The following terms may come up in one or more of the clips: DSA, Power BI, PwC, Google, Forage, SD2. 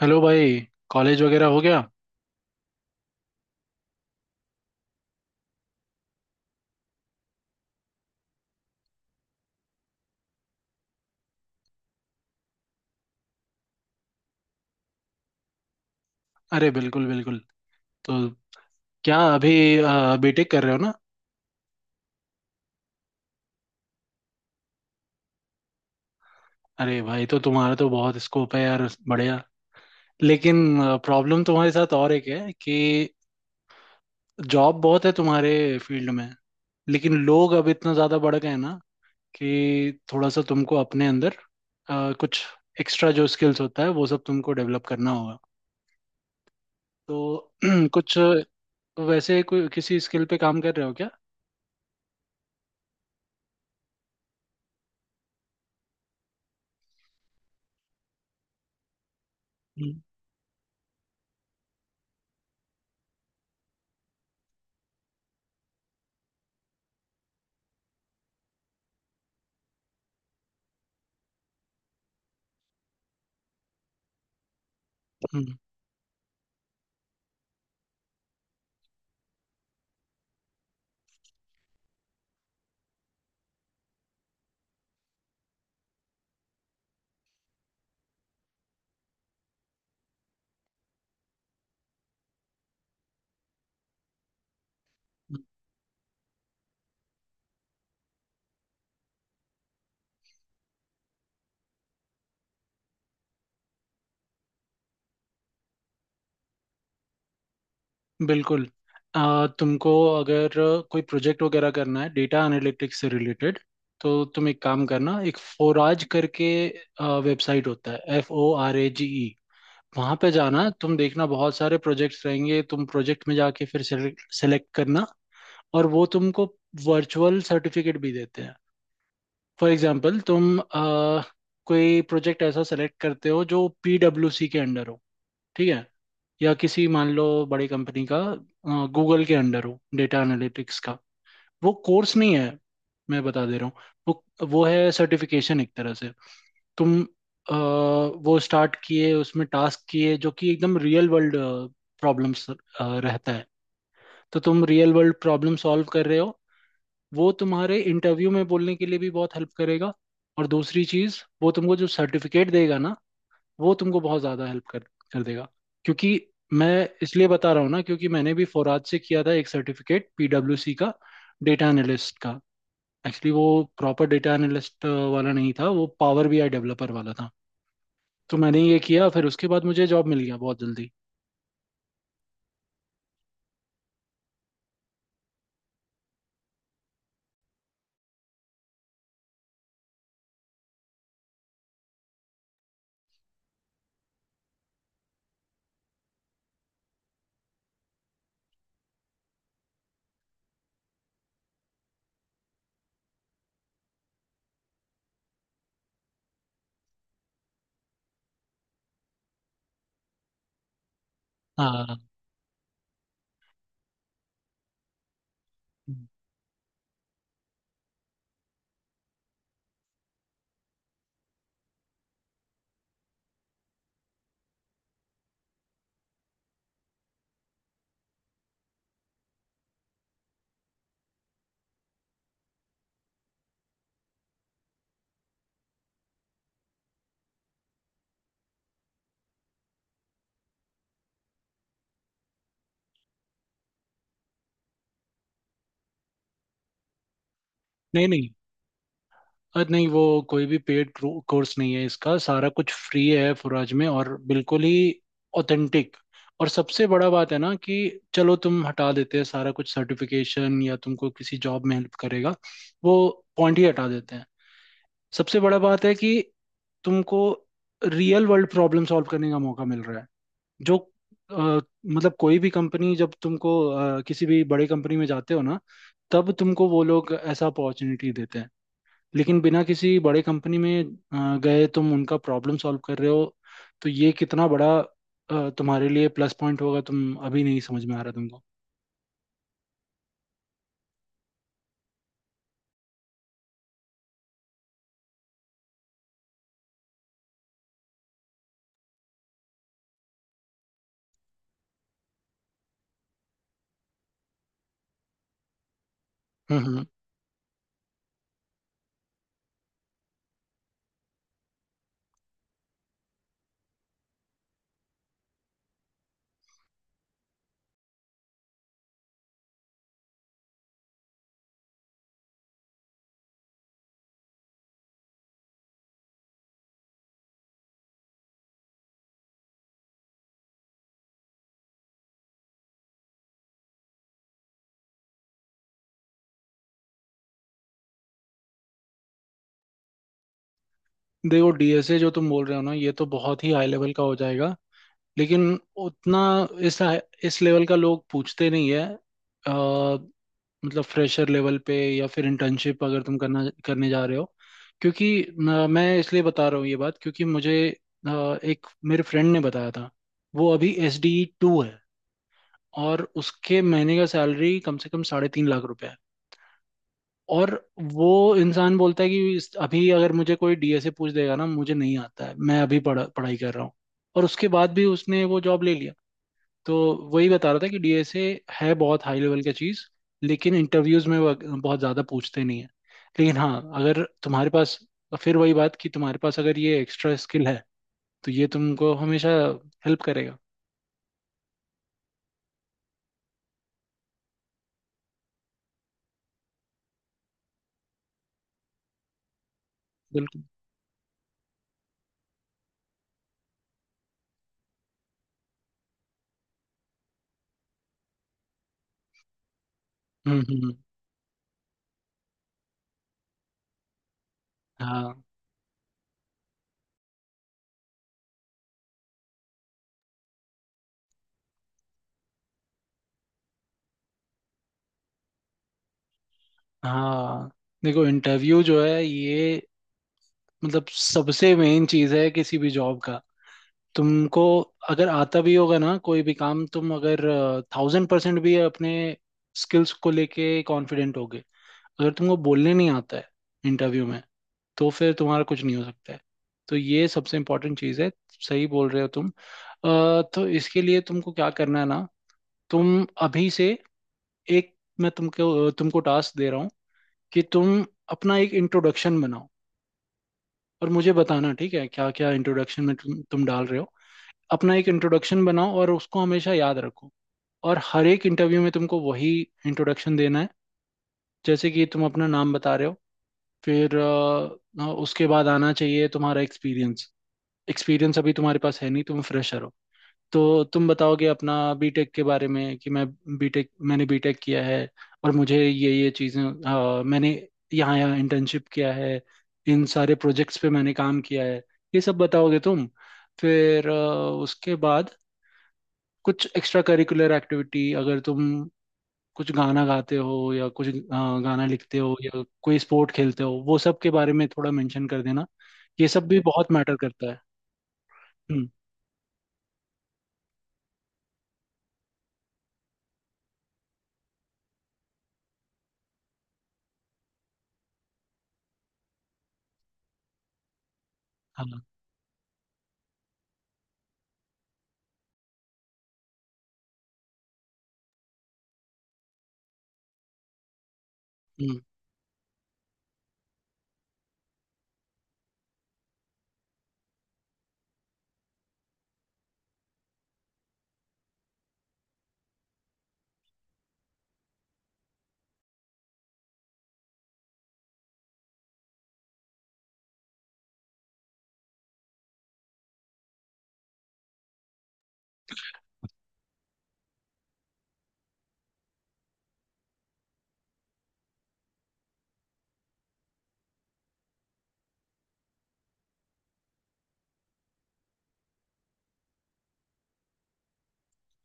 Hello भाई। College वगैरह हो गया? अरे बिल्कुल बिल्कुल। तो क्या अभी बीटेक कर रहे हो ना? अरे भाई तो तुम्हारा तो बहुत स्कोप है यार, बढ़िया। लेकिन प्रॉब्लम तुम्हारे साथ और एक है कि जॉब बहुत है तुम्हारे फील्ड में, लेकिन लोग अब इतना ज़्यादा बढ़ गए हैं ना कि थोड़ा सा तुमको अपने अंदर कुछ एक्स्ट्रा जो स्किल्स होता है वो सब तुमको डेवलप करना होगा। तो कुछ वैसे कोई किसी स्किल पे काम कर रहे हो क्या? हम्म हम्म। बिल्कुल। तुमको अगर कोई प्रोजेक्ट वगैरह करना है डेटा एनालिटिक्स से रिलेटेड, तो तुम एक काम करना, एक फोराज करके वेबसाइट होता है, FORAGE। वहाँ पे जाना, तुम देखना बहुत सारे प्रोजेक्ट्स रहेंगे, तुम प्रोजेक्ट में जाके फिर सेलेक्ट करना। और वो तुमको वर्चुअल सर्टिफिकेट भी देते हैं। फॉर एग्जांपल तुम कोई प्रोजेक्ट ऐसा सेलेक्ट करते हो जो पीडब्ल्यूसी के अंडर हो। ठीक है? या किसी, मान लो, बड़ी कंपनी का, गूगल के अंडर हो, डेटा एनालिटिक्स का। वो कोर्स नहीं है मैं बता दे रहा हूँ। वो है सर्टिफिकेशन एक तरह से। तुम वो स्टार्ट किए, उसमें टास्क किए जो कि एकदम रियल वर्ल्ड प्रॉब्लम्स रहता है। तो तुम रियल वर्ल्ड प्रॉब्लम सॉल्व कर रहे हो। वो तुम्हारे इंटरव्यू में बोलने के लिए भी बहुत हेल्प करेगा। और दूसरी चीज़, वो तुमको जो सर्टिफिकेट देगा ना, वो तुमको बहुत ज़्यादा हेल्प कर कर देगा। क्योंकि मैं इसलिए बता रहा हूँ ना, क्योंकि मैंने भी फोराज से किया था एक सर्टिफिकेट पीडब्ल्यूसी का, डेटा एनालिस्ट का। एक्चुअली वो प्रॉपर डेटा एनालिस्ट वाला नहीं था, वो पावर बीआई डेवलपर वाला था। तो मैंने ये किया, फिर उसके बाद मुझे जॉब मिल गया बहुत जल्दी। हाँ। नहीं नहीं। अरे नहीं, वो कोई भी पेड कोर्स नहीं है, इसका सारा कुछ फ्री है फुराज में, और बिल्कुल ही ऑथेंटिक। और सबसे बड़ा बात है ना कि चलो तुम हटा देते हैं, सारा कुछ सर्टिफिकेशन या तुमको किसी जॉब में हेल्प करेगा, वो पॉइंट ही हटा देते हैं। सबसे बड़ा बात है कि तुमको रियल वर्ल्ड प्रॉब्लम सॉल्व करने का मौका मिल रहा है जो, अ, मतलब कोई भी कंपनी, जब तुमको किसी भी बड़ी कंपनी में जाते हो ना, तब तुमको वो लोग ऐसा अपॉर्चुनिटी देते हैं। लेकिन बिना किसी बड़े कंपनी में गए तुम उनका प्रॉब्लम सॉल्व कर रहे हो, तो ये कितना बड़ा तुम्हारे लिए प्लस पॉइंट होगा, तुम अभी नहीं समझ में आ रहा तुमको। हम्म हम्म। देखो डीएसए जो तुम बोल रहे हो ना, ये तो बहुत ही हाई लेवल का हो जाएगा। लेकिन उतना इस इस लेवल का लोग पूछते नहीं है। मतलब फ्रेशर लेवल पे, या फिर इंटर्नशिप अगर तुम करना करने जा रहे हो। क्योंकि मैं इसलिए बता रहा हूँ ये बात क्योंकि मुझे अ, एक मेरे फ्रेंड ने बताया था। वो अभी SD2 है और उसके महीने का सैलरी कम से कम 3.5 लाख रुपए है। और वो इंसान बोलता है कि अभी अगर मुझे कोई डीएसए पूछ देगा ना, मुझे नहीं आता है, मैं अभी पढ़ा पढ़ाई कर रहा हूँ। और उसके बाद भी उसने वो जॉब ले लिया। तो वही बता रहा था कि डीएसए है बहुत हाई लेवल की चीज़। लेकिन इंटरव्यूज में वो बहुत ज़्यादा पूछते नहीं है। लेकिन हाँ, अगर तुम्हारे पास, फिर वही बात कि तुम्हारे पास अगर ये एक्स्ट्रा स्किल है, तो ये तुमको हमेशा हेल्प करेगा। बिल्कुल। हम्म हम्म, हम्म। हाँ हाँ। देखो इंटरव्यू जो है ये, मतलब सबसे मेन चीज़ है किसी भी जॉब का। तुमको अगर आता भी होगा ना कोई भी काम, तुम अगर 1000% भी अपने स्किल्स को लेके कॉन्फिडेंट हो, अगर तुमको बोलने नहीं आता है इंटरव्यू में, तो फिर तुम्हारा कुछ नहीं हो सकता है। तो ये सबसे इम्पोर्टेंट चीज़ है। सही बोल रहे हो तुम। तो इसके लिए तुमको क्या करना है ना, तुम अभी से एक, मैं तुमको तुमको टास्क दे रहा हूँ कि तुम अपना एक इंट्रोडक्शन बनाओ। और मुझे बताना ठीक है क्या क्या इंट्रोडक्शन में तुम डाल रहे हो। अपना एक इंट्रोडक्शन बनाओ और उसको हमेशा याद रखो। और हर एक इंटरव्यू में तुमको वही इंट्रोडक्शन देना है। जैसे कि तुम अपना नाम बता रहे हो, फिर उसके बाद आना चाहिए तुम्हारा एक्सपीरियंस। एक्सपीरियंस अभी तुम्हारे पास है नहीं, तुम फ्रेशर हो। तो तुम बताओगे अपना बीटेक के बारे में कि मैं बीटेक मैंने बीटेक किया है और मुझे ये चीज़ें, मैंने यहाँ यहाँ इंटर्नशिप किया है, इन सारे प्रोजेक्ट्स पे मैंने काम किया है, ये सब बताओगे तुम। फिर उसके बाद कुछ एक्स्ट्रा करिकुलर एक्टिविटी, अगर तुम कुछ गाना गाते हो या कुछ गाना लिखते हो या कोई स्पोर्ट खेलते हो, वो सब के बारे में थोड़ा मेंशन कर देना। ये सब भी बहुत मैटर करता है। हम्म। हाँ। हम्म।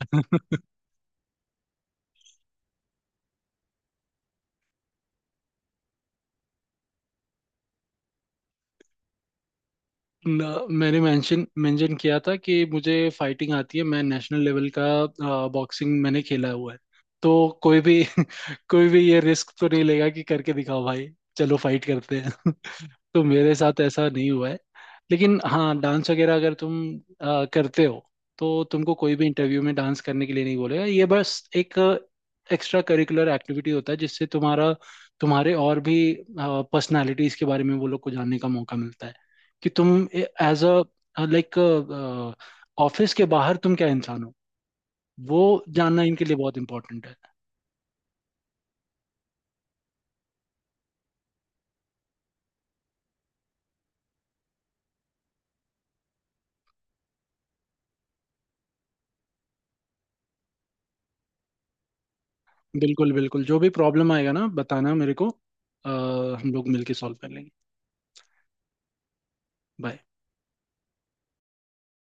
मैंने मेंशन मेंशन किया था कि मुझे फाइटिंग आती है, मैं नेशनल लेवल का बॉक्सिंग मैंने खेला हुआ है। तो कोई भी कोई भी ये रिस्क तो नहीं लेगा कि करके दिखाओ भाई, चलो फाइट करते हैं। तो मेरे साथ ऐसा नहीं हुआ है। लेकिन हाँ डांस वगैरह अगर तुम करते हो, तो तुमको कोई भी इंटरव्यू में डांस करने के लिए नहीं बोलेगा। ये बस एक एक्स्ट्रा करिकुलर एक्टिविटी होता है जिससे तुम्हारा, तुम्हारे और भी पर्सनालिटीज के बारे में वो लोग को जानने का मौका मिलता है कि तुम एज अ लाइक ऑफिस के बाहर तुम क्या इंसान हो। वो जानना इनके लिए बहुत इंपॉर्टेंट है। बिल्कुल बिल्कुल, जो भी प्रॉब्लम आएगा ना बताना मेरे को, हम लोग मिलके सॉल्व कर लेंगे। Bye.